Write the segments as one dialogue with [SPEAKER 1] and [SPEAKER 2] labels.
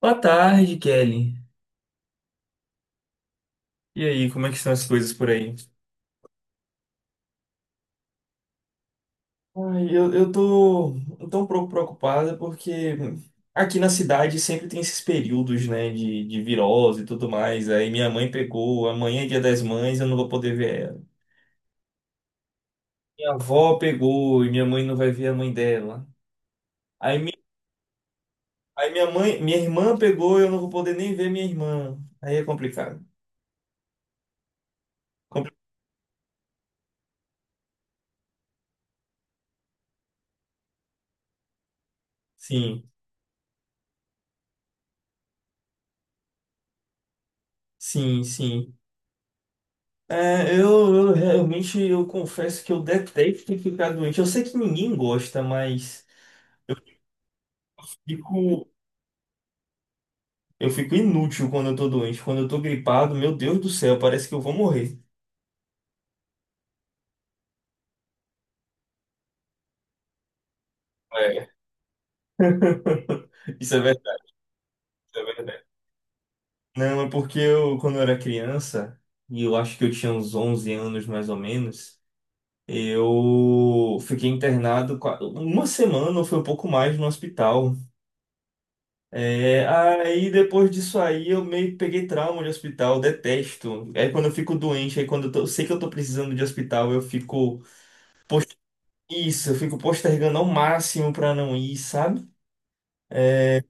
[SPEAKER 1] Boa tarde, Kelly. E aí, como é que estão as coisas por aí? Ai, eu tô tão preocupada porque aqui na cidade sempre tem esses períodos, né, de virose e tudo mais. Aí minha mãe pegou, amanhã é dia das mães, eu não vou poder ver ela. Minha avó pegou e minha mãe não vai ver a mãe dela. Aí, mi, aí minha mãe, minha irmã pegou e eu não vou poder nem ver minha irmã. Aí é complicado. Compli- Sim, sim, sim. É, eu realmente eu confesso que eu detesto ficar doente. Eu sei que ninguém gosta, mas fico, eu fico inútil quando eu tô doente. Quando eu tô gripado, meu Deus do céu, parece que eu vou morrer. É, isso é verdade, isso é verdade. Não, é porque eu, quando eu era criança, e eu acho que eu tinha uns 11 anos mais ou menos, eu fiquei internado uma semana ou foi um pouco mais no hospital. É, aí depois disso aí eu meio que peguei trauma de hospital, detesto. Aí quando eu fico doente, aí quando eu sei que eu tô precisando de hospital, eu fico post- isso, eu fico postergando ao máximo pra não ir, sabe? É,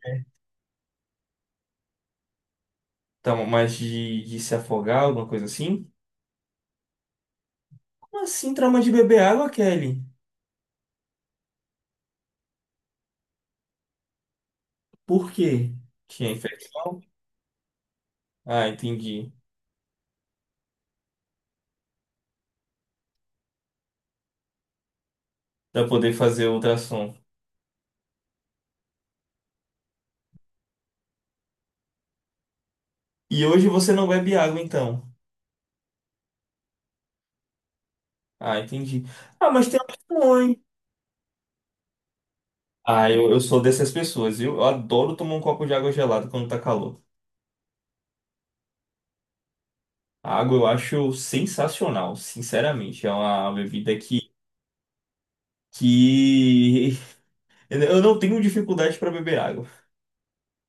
[SPEAKER 1] então, mas de se afogar, alguma coisa assim? Como assim trauma de beber água, Kelly? Por quê? Tinha infecção? Ah, entendi. Pra poder fazer ultrassom. E hoje você não bebe água, então. Ah, entendi. Ah, mas tem opções. Ah, eu sou dessas pessoas, viu? Eu adoro tomar um copo de água gelada quando tá calor. A água eu acho sensacional, sinceramente. É uma bebida que... eu não tenho dificuldade para beber água.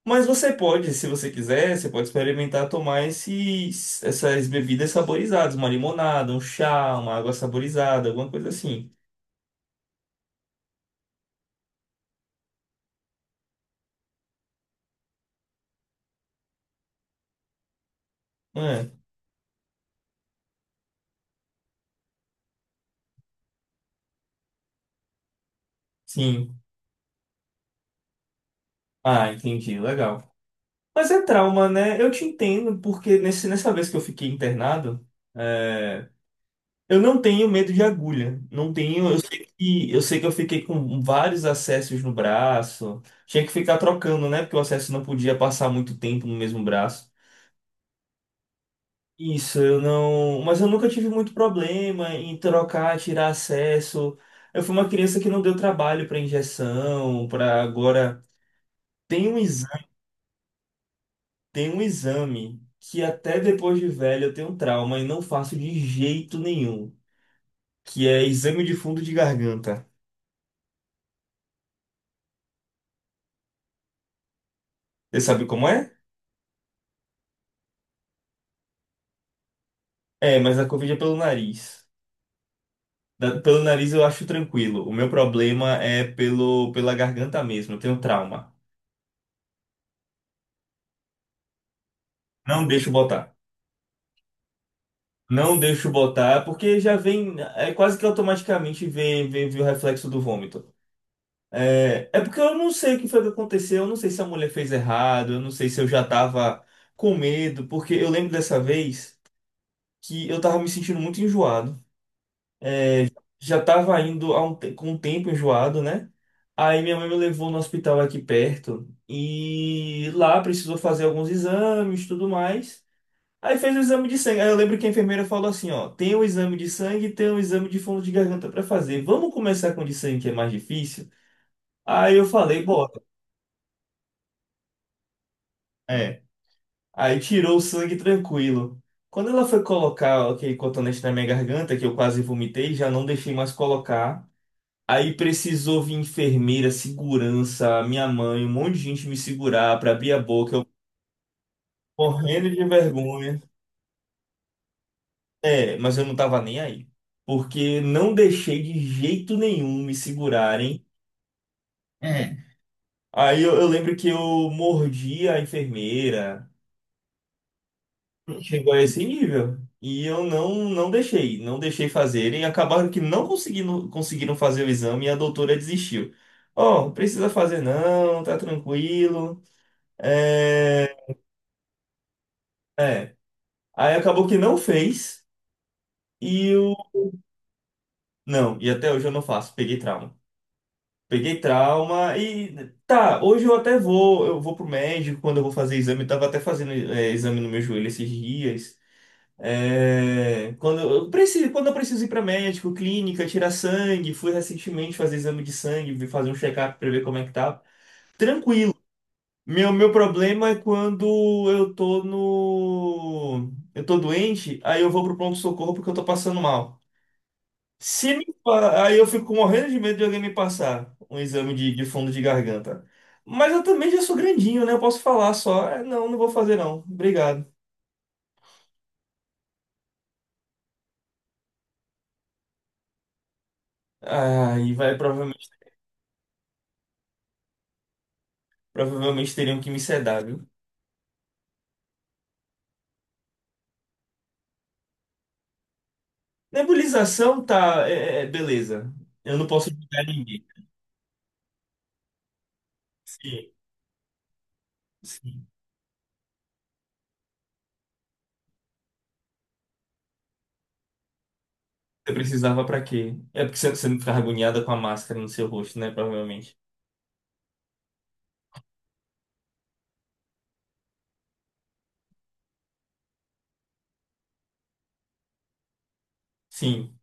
[SPEAKER 1] Mas você pode, se você quiser, você pode experimentar tomar essas bebidas saborizadas, uma limonada, um chá, uma água saborizada, alguma coisa assim. Ah, sim. Ah, entendi, legal. Mas é trauma, né? Eu te entendo, porque nessa vez que eu fiquei internado. eh, Eu não tenho medo de agulha. Não tenho. Eu sei que eu sei que eu fiquei com vários acessos no braço. Tinha que ficar trocando, né? Porque o acesso não podia passar muito tempo no mesmo braço. Isso, eu não. Mas eu nunca tive muito problema em trocar, tirar acesso. Eu fui uma criança que não deu trabalho para injeção, para agora. Tem um exame, tem um exame que até depois de velho eu tenho um trauma e não faço de jeito nenhum, que é exame de fundo de garganta. Você sabe como é? É, mas a Covid é pelo nariz. Pelo nariz eu acho tranquilo. O meu problema é pela garganta mesmo. Eu tenho trauma. Não deixo botar. Não deixo botar, porque já vem. É quase que automaticamente vem, vem, vem o reflexo do vômito. É, é porque eu não sei o que foi que aconteceu. Eu não sei se a mulher fez errado. Eu não sei se eu já tava com medo. Porque eu lembro dessa vez que eu tava me sentindo muito enjoado. Já estava indo com um tempo enjoado, né? Aí minha mãe me levou no hospital aqui perto e lá precisou fazer alguns exames, e tudo mais. Aí fez o exame de sangue. Aí eu lembro que a enfermeira falou assim, ó, tem o exame de sangue e tem o exame de fundo de garganta para fazer. Vamos começar com o de sangue que é mais difícil? Aí eu falei, bora. É. Aí tirou o sangue tranquilo. Quando ela foi colocar aquele cotonete na minha garganta, que eu quase vomitei, já não deixei mais colocar. Aí precisou vir enfermeira, segurança, minha mãe, um monte de gente me segurar para abrir a boca, eu morrendo de vergonha. É, mas eu não tava nem aí. Porque não deixei de jeito nenhum me segurarem. É. Aí eu lembro que eu mordi a enfermeira, chegou a esse nível. E eu não, não deixei, não deixei fazerem. Acabaram que não conseguindo, conseguiram fazer o exame e a doutora desistiu. Ó, não precisa fazer não, tá tranquilo. É. É. Aí acabou que não fez e eu. Não, e até hoje eu não faço. Peguei trauma. Peguei trauma e. Tá, hoje eu até vou. Eu vou pro médico quando eu vou fazer exame. Eu tava até fazendo exame no meu joelho esses dias. É, quando eu preciso, quando eu preciso ir para médico, clínica, tirar sangue, fui recentemente fazer exame de sangue, fazer um check-up para ver como é que tá. Tranquilo. Meu problema é quando eu tô no, eu tô doente, aí eu vou pro pronto-socorro porque eu tô passando mal. Se me... pa- Aí eu fico morrendo de medo de alguém me passar um exame de fundo de garganta. Mas eu também já sou grandinho, né? Eu posso falar só. "É, não, não vou fazer não. Obrigado. Aí vai, provavelmente, provavelmente teriam que me sedar, viu? Nebulização tá, é, beleza. Eu não posso julgar ninguém. Sim, sim. Você precisava pra quê? É porque você não ficava agoniada com a máscara no seu rosto, né? Provavelmente. Sim.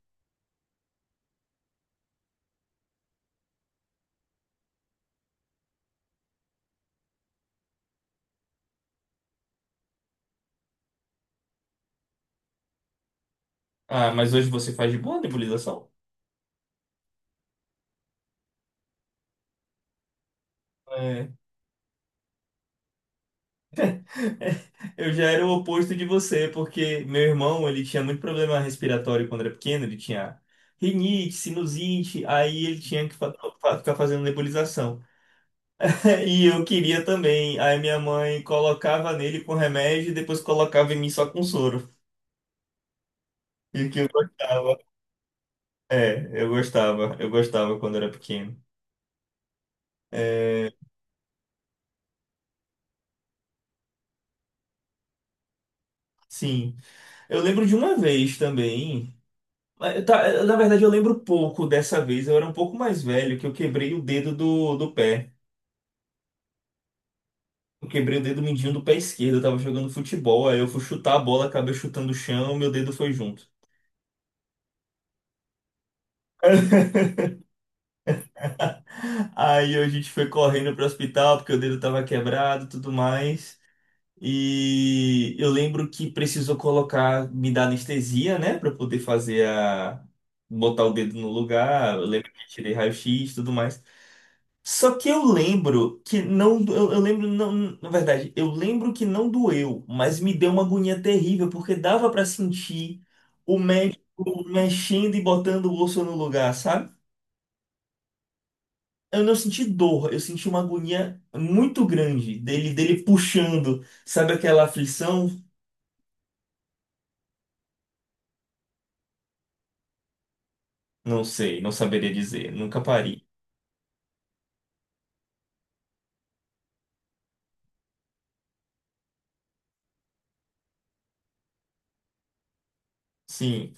[SPEAKER 1] Ah, mas hoje você faz de boa a nebulização? É. Eu já era o oposto de você, porque meu irmão, ele tinha muito problema respiratório quando era pequeno, ele tinha rinite, sinusite, aí ele tinha que ficar fazendo nebulização. E eu queria também, aí minha mãe colocava nele com remédio e depois colocava em mim só com soro. E que eu gostava. É, eu gostava quando era pequeno. É, sim. Eu lembro de uma vez também. Mas eu na verdade, eu lembro pouco dessa vez. Eu era um pouco mais velho, que eu quebrei o dedo do pé. Eu quebrei o dedo mindinho do pé esquerdo. Eu tava jogando futebol. Aí eu fui chutar a bola, acabei chutando o chão, meu dedo foi junto. Aí a gente foi correndo pro hospital porque o dedo tava quebrado, e tudo mais. E eu lembro que precisou colocar, me dar anestesia, né, pra eu poder fazer a botar o dedo no lugar. Eu lembro que tirei raio-x, e tudo mais. Só que eu lembro que não. Na verdade, eu lembro que não doeu, mas me deu uma agonia terrível, porque dava pra sentir o médico mexendo e botando o osso no lugar, sabe? Eu não senti dor, eu senti uma agonia muito grande dele puxando, sabe aquela aflição? Não sei, não saberia dizer, nunca parei. Sim,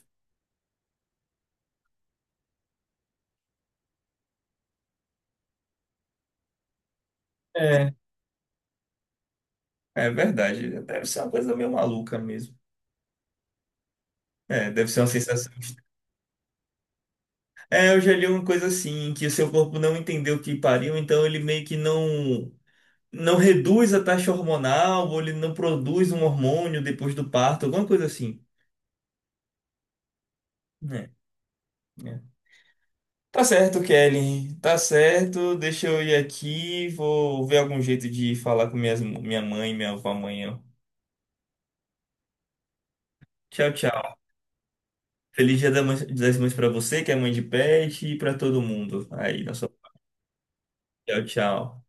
[SPEAKER 1] é, é verdade, deve ser uma coisa meio maluca mesmo. É, deve ser uma sensação. É, eu já li uma coisa assim, que o seu corpo não entendeu que pariu, então ele meio que não reduz a taxa hormonal, ou ele não produz um hormônio depois do parto, alguma coisa assim. Né, né. Tá certo, Kelly. Tá certo. Deixa eu ir aqui. Vou ver algum jeito de falar com minha mãe e minha avó amanhã. Tchau, tchau. Feliz Dia das Mães pra você, que é mãe de pet, e pra todo mundo. Aí, na sua... Tchau, tchau.